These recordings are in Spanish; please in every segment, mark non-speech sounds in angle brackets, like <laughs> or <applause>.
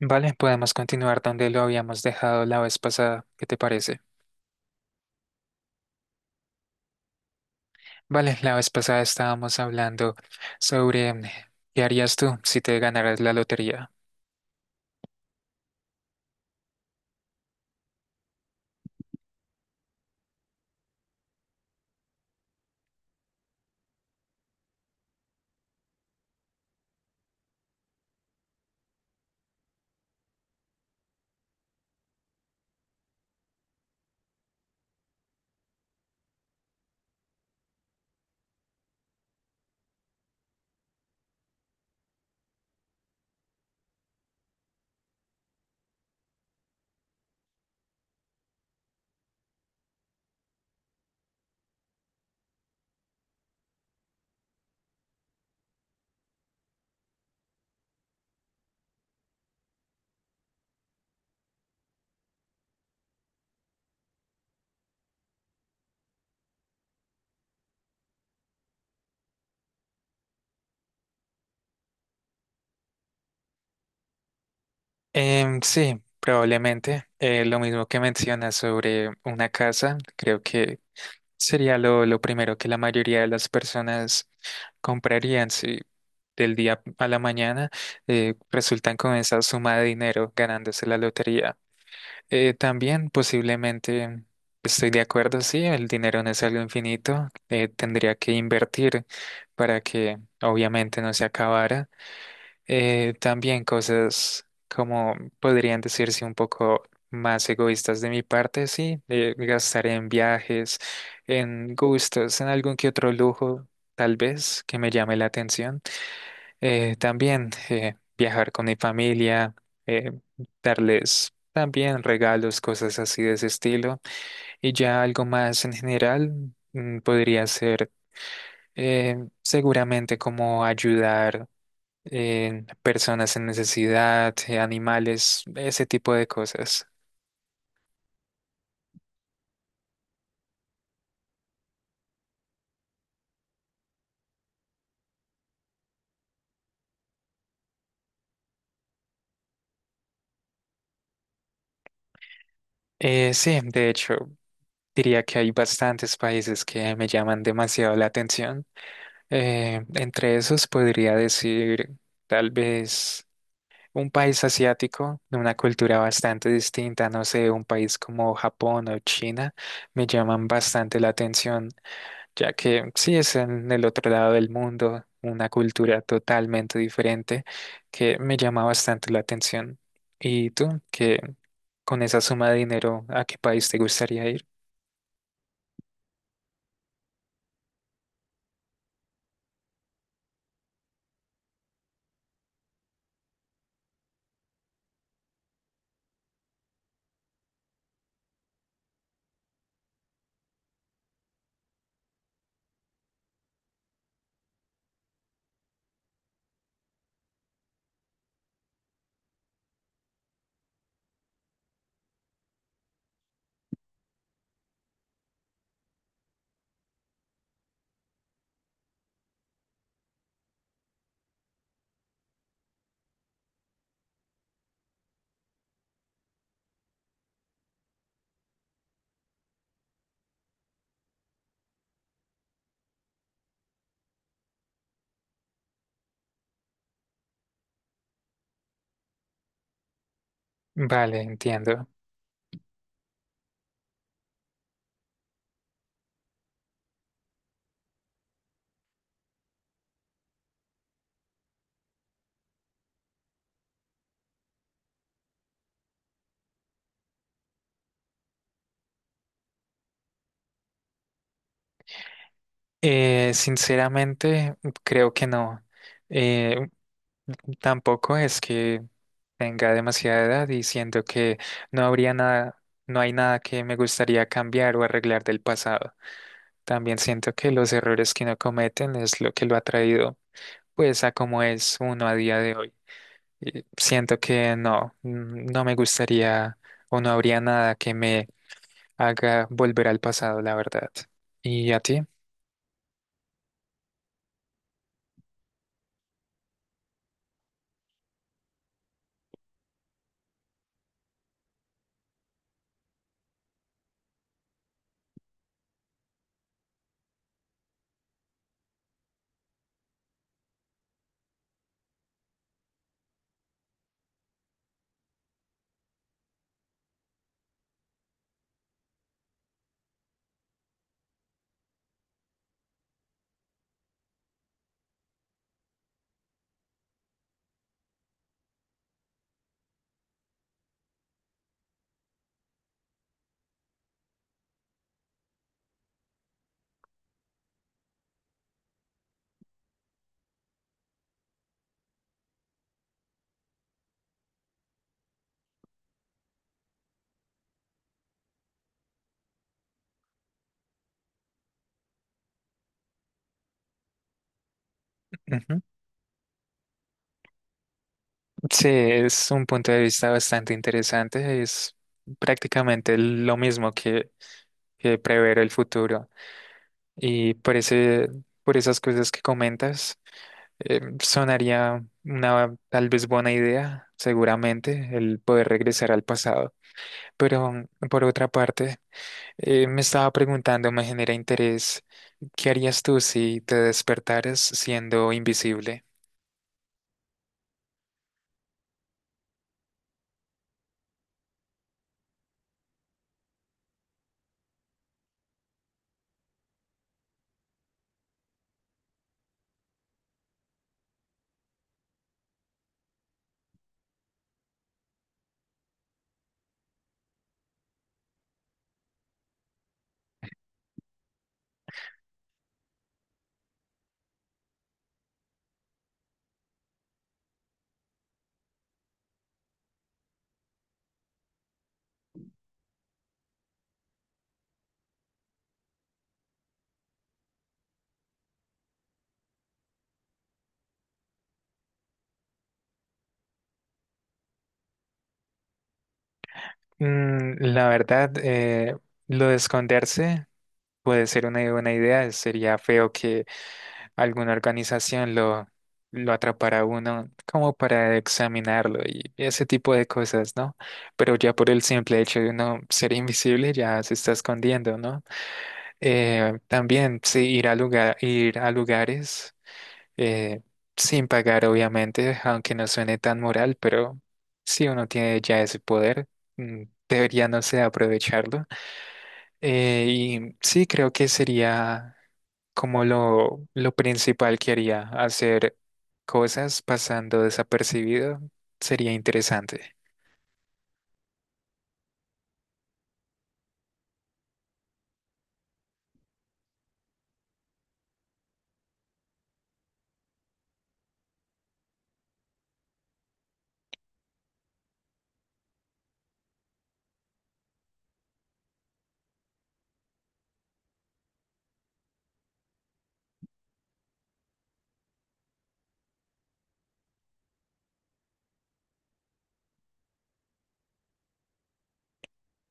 Vale, podemos continuar donde lo habíamos dejado la vez pasada. ¿Qué te parece? Vale, la vez pasada estábamos hablando sobre qué harías tú si te ganaras la lotería. Sí, probablemente. Lo mismo que mencionas sobre una casa, creo que sería lo primero que la mayoría de las personas comprarían si del día a la mañana resultan con esa suma de dinero ganándose la lotería. También posiblemente estoy de acuerdo, sí, el dinero no es algo infinito, tendría que invertir para que obviamente no se acabara. También cosas como podrían decirse un poco más egoístas de mi parte, sí, gastar en viajes, en gustos, en algún que otro lujo, tal vez, que me llame la atención. Eh, también, viajar con mi familia, eh, darles también regalos, cosas así de ese estilo. Y ya algo más en general podría ser seguramente como ayudar, personas en necesidad, animales, ese tipo de cosas. Sí, de hecho, diría que hay bastantes países que me llaman demasiado la atención. Entre esos podría decir tal vez un país asiático, de una cultura bastante distinta, no sé, un país como Japón o China, me llaman bastante la atención, ya que sí es en el otro lado del mundo, una cultura totalmente diferente que me llama bastante la atención. ¿Y tú, que con esa suma de dinero, a qué país te gustaría ir? Vale, entiendo. Sinceramente, creo que no. Eh, Tampoco es que tenga demasiada edad y siento que no habría nada, no hay nada que me gustaría cambiar o arreglar del pasado. También siento que los errores que no cometen es lo que lo ha traído pues a como es uno a día de hoy. Y siento que no, no me gustaría o no habría nada que me haga volver al pasado, la verdad. ¿Y a ti? Ujú. Sí, es un punto de vista bastante interesante. Es prácticamente lo mismo que prever el futuro. Y por ese, por esas cosas que comentas, sonaría una tal vez buena idea, seguramente, el poder regresar al pasado. Pero por otra parte, me estaba preguntando, me genera interés, ¿qué harías tú si te despertaras siendo invisible? La verdad, lo de esconderse puede ser una buena idea, sería feo que alguna organización lo atrapará a uno como para examinarlo y ese tipo de cosas, ¿no? Pero ya por el simple hecho de uno ser invisible ya se está escondiendo, ¿no? También sí, ir a lugares, eh, sin pagar, obviamente, aunque no suene tan moral, pero si uno tiene ya ese poder, mm, debería, no sé, aprovecharlo. Y sí, creo que sería como lo principal que haría, hacer cosas pasando desapercibido, sería interesante.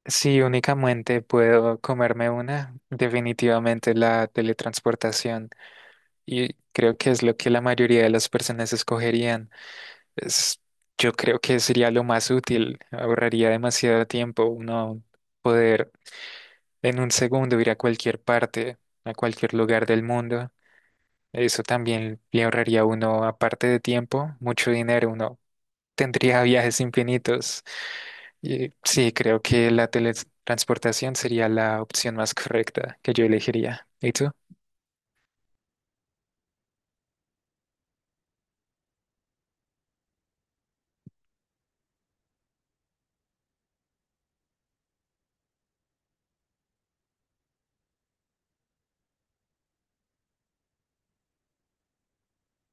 Si únicamente puedo comerme una, definitivamente la teletransportación. Y creo que es lo que la mayoría de las personas escogerían. Es- yo creo que sería lo más útil. Ahorraría demasiado tiempo uno poder en un segundo ir a cualquier parte, a cualquier lugar del mundo. Eso también le ahorraría a uno, aparte de tiempo, mucho dinero. Uno tendría <laughs> viajes infinitos. Y sí, creo que la teletransportación sería la opción más correcta que yo elegiría. ¿Y tú?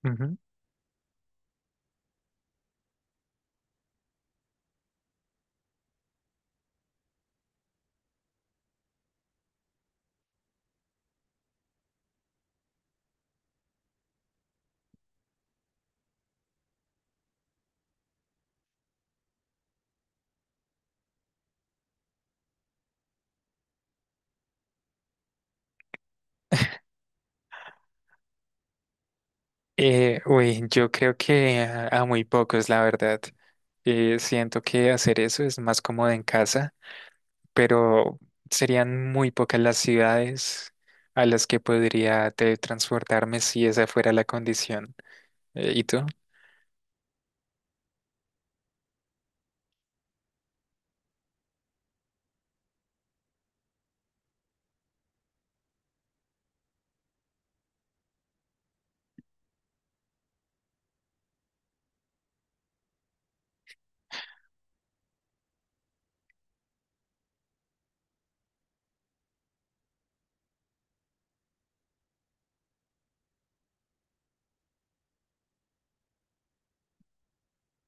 Ujú. Uy, yo creo que a muy pocos, la verdad. Siento que hacer eso es más cómodo en casa, pero serían muy pocas las ciudades a las que podría teletransportarme si esa fuera la condición. ¿Y tú?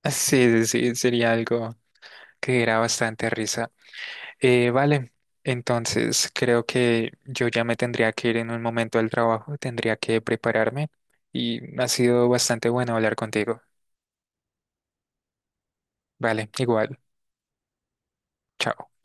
Sí, sí, sí, sería algo que diera bastante risa. Vale, entonces creo que yo ya me tendría que ir en un momento al trabajo, tendría que prepararme y ha sido bastante bueno hablar contigo. Vale, igual, chao.